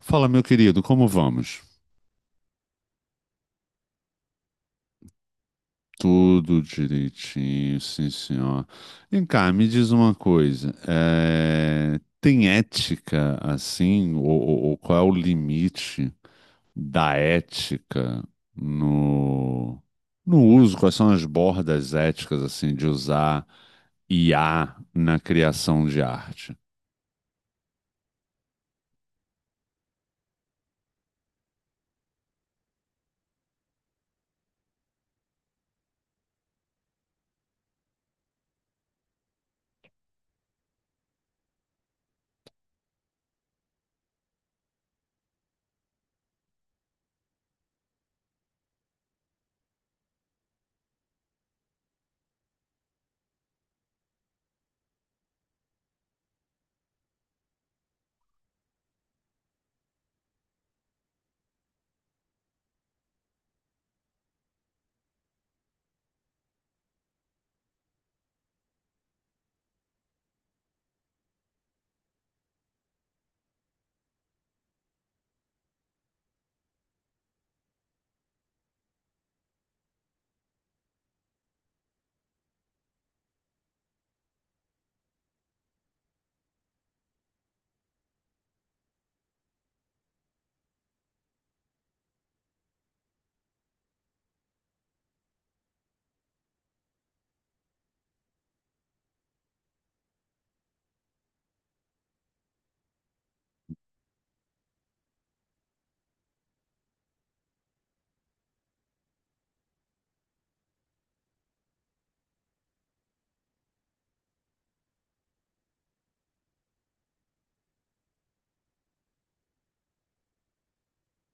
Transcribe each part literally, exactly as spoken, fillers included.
Fala, meu querido, como vamos? Tudo direitinho, sim, senhor. Vem cá, me diz uma coisa. eh, Tem ética assim? Ou, ou- ou qual é o limite da ética no, no uso? Quais são as bordas éticas assim de usar I A na criação de arte?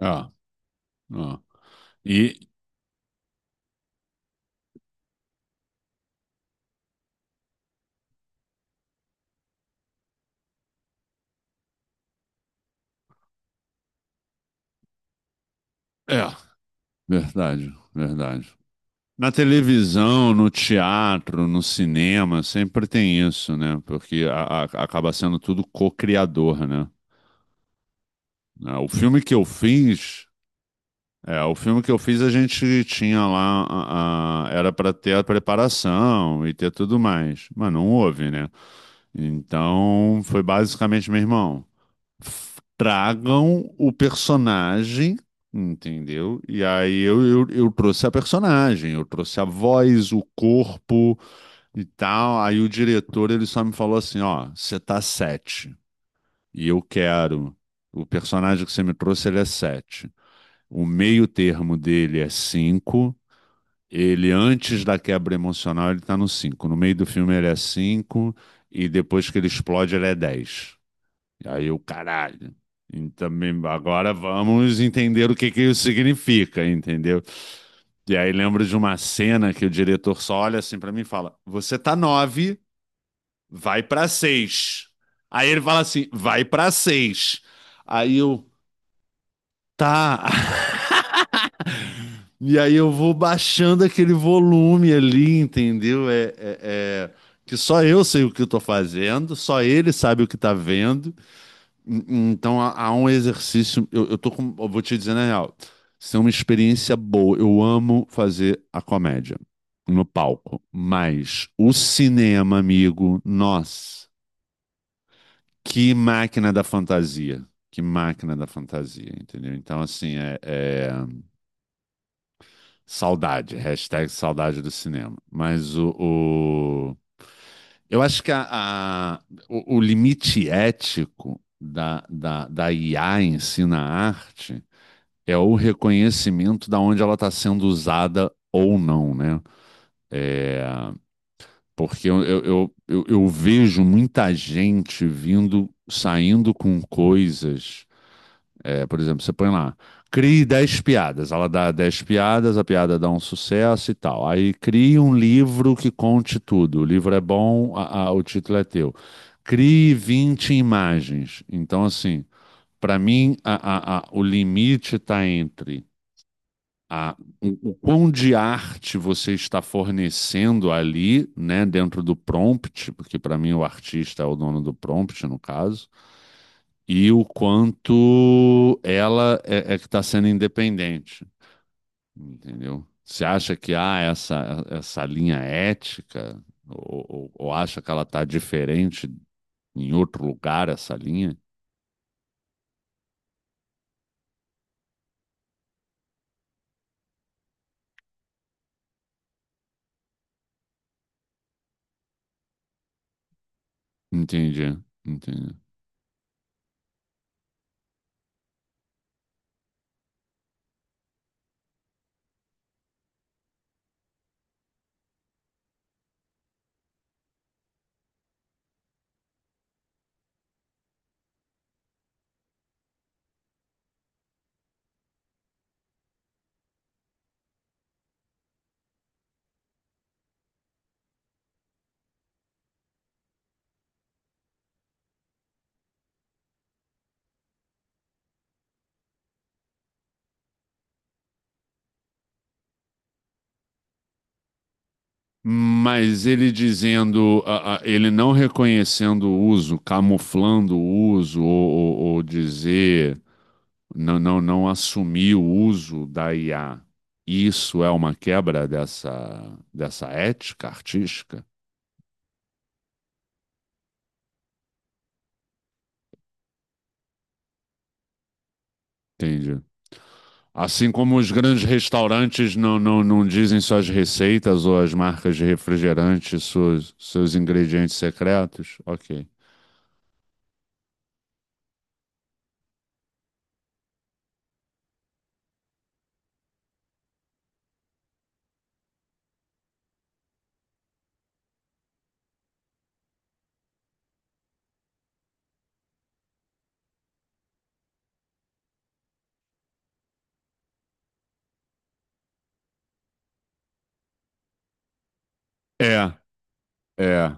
Ah, ah. E é, verdade, verdade. Na televisão, no teatro, no cinema, sempre tem isso, né? Porque a- a- acaba sendo tudo co-criador, né? Ah, o filme que eu fiz, é, o filme que eu fiz a gente tinha lá, a- a- era para ter a preparação e ter tudo mais, mas não houve, né? Então foi basicamente, meu irmão, f- tragam o personagem. Entendeu? E aí eu, eu, eu trouxe a personagem, eu trouxe a voz, o corpo, e tal. Aí o diretor ele só me falou assim, ó, você tá sete e eu quero. O personagem que você me trouxe ele é sete. O meio termo dele é cinco. Ele antes da quebra emocional ele tá no cinco. No meio do filme ele é cinco e depois que ele explode ele é dez. E aí eu, caralho. E também agora vamos entender o que que isso significa, entendeu? E aí lembro de uma cena que o diretor só olha assim pra mim e fala: "Você tá nove, vai pra seis." Aí ele fala assim, vai pra seis. Aí eu, tá. E aí eu vou baixando aquele volume ali, entendeu? É, é- é- que só eu sei o que eu tô fazendo, só ele sabe o que tá vendo. Hum, hum. Então há, há um exercício. Eu, eu tô com. Eu vou te dizer na real. Isso é uma experiência boa. Eu amo fazer a comédia no palco. Mas o cinema, amigo, nossa. Que máquina da fantasia. Que máquina da fantasia, entendeu? Então, assim, é, é- saudade, hashtag saudade do cinema. Mas o, o- eu acho que a, a- o, o limite ético da, da, da I A em si na arte é o reconhecimento da onde ela está sendo usada ou não, né? É, porque eu, eu, eu, eu eu vejo muita gente vindo, saindo com coisas. É, por exemplo, você põe lá, crie dez piadas. Ela dá dez piadas, a piada dá um sucesso e tal. Aí crie um livro que conte tudo. O livro é bom, a- a- o título é teu. Crie vinte imagens. Então, assim, para mim, a- a- a- o limite está entre a, o, o quão de arte você está fornecendo ali, né, dentro do prompt, porque para mim o artista é o dono do prompt, no caso, e o quanto ela é, é que está sendo independente, entendeu? Você acha que há essa, essa linha ética, ou, ou- ou acha que ela está diferente em outro lugar, essa linha? Entendi, entendi. Mas ele dizendo, a- a- ele não reconhecendo o uso, camuflando o uso, ou, ou- ou dizer não, não, não assumir o uso da I A, isso é uma quebra dessa, dessa ética artística? Entendi. Assim como os grandes restaurantes não, não, não dizem suas receitas ou as marcas de refrigerante, seus, seus ingredientes secretos? Ok. É, é.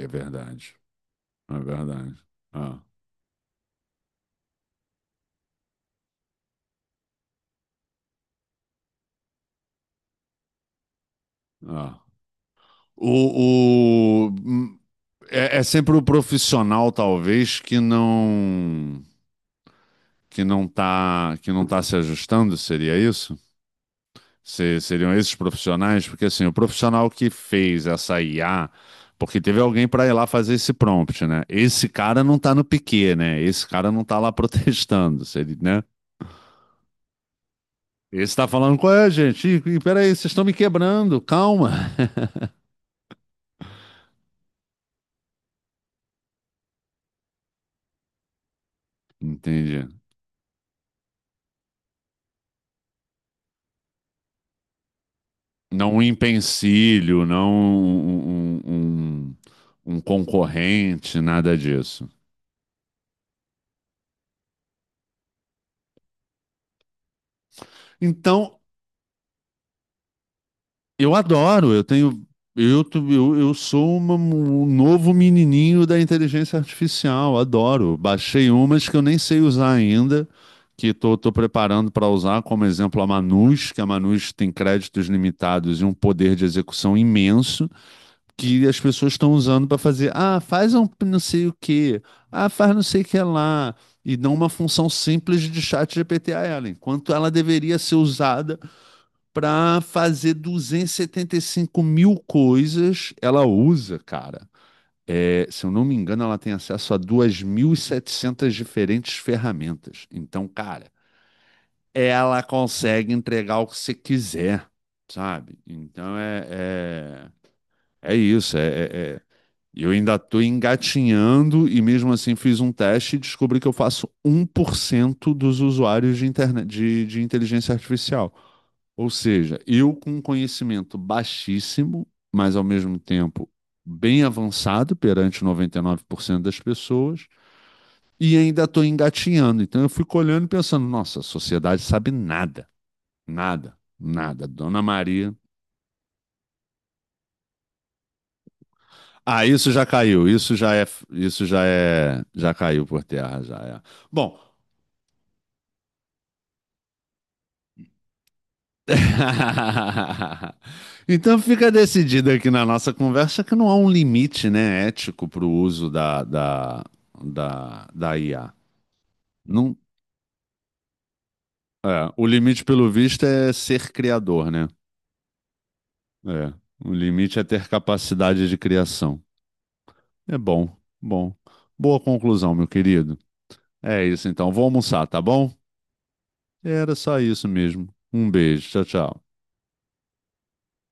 É verdade. É verdade. Ah, ah. O, o- hum, é, é sempre o profissional, talvez, que não, que não está, que não tá se ajustando, seria isso? Se- seriam esses profissionais? Porque assim, o profissional que fez essa I A, porque teve alguém para ir lá fazer esse prompt, né? Esse cara não tá no piquê, né? Esse cara não tá lá protestando, seria, né? Esse tá falando, qual é, gente? Ih, ih, Peraí, vocês estão me quebrando, calma. Entendi. Não um empecilho, não um, um um- um- um concorrente, nada disso. Então, eu adoro, eu tenho. Eu, tu- eu, eu sou uma- um novo menininho da inteligência artificial, adoro. Baixei umas que eu nem sei usar ainda, que estou preparando para usar, como exemplo a Manus, que a Manus tem créditos limitados e um poder de execução imenso, que as pessoas estão usando para fazer, ah, faz um p- não sei o quê, ah, faz não sei o que lá, e dão uma função simples de chat G P T a ela, enquanto ela deveria ser usada para fazer e e setenta e cinco mil coisas. Ela usa, cara. É, se eu não me engano, ela tem acesso a duas mil e setecentas diferentes ferramentas. Então, cara, ela consegue entregar o que você quiser, sabe? Então é, é, é isso. É, é- é e eu ainda estou engatinhando e mesmo assim fiz um teste e descobri que eu faço um por cento dos usuários de internet, de, de inteligência artificial. Ou seja, eu com um conhecimento baixíssimo, mas ao mesmo tempo bem avançado perante noventa e nove por cento das pessoas, e ainda estou engatinhando. Então eu fico olhando e pensando, nossa, a sociedade sabe nada, nada, nada. Dona Maria. Ah, isso já caiu, isso já é, isso já é, já caiu por terra, já é. Bom, então fica decidido aqui na nossa conversa que não há um limite, né, ético para o uso da, da, da, da I A. Não, é, o limite, pelo visto, é ser criador, né? É, o limite é ter capacidade de criação. É bom, bom. Boa conclusão, meu querido. É isso então, vou almoçar, tá bom? Era só isso mesmo. Um beijo. Tchau, tchau.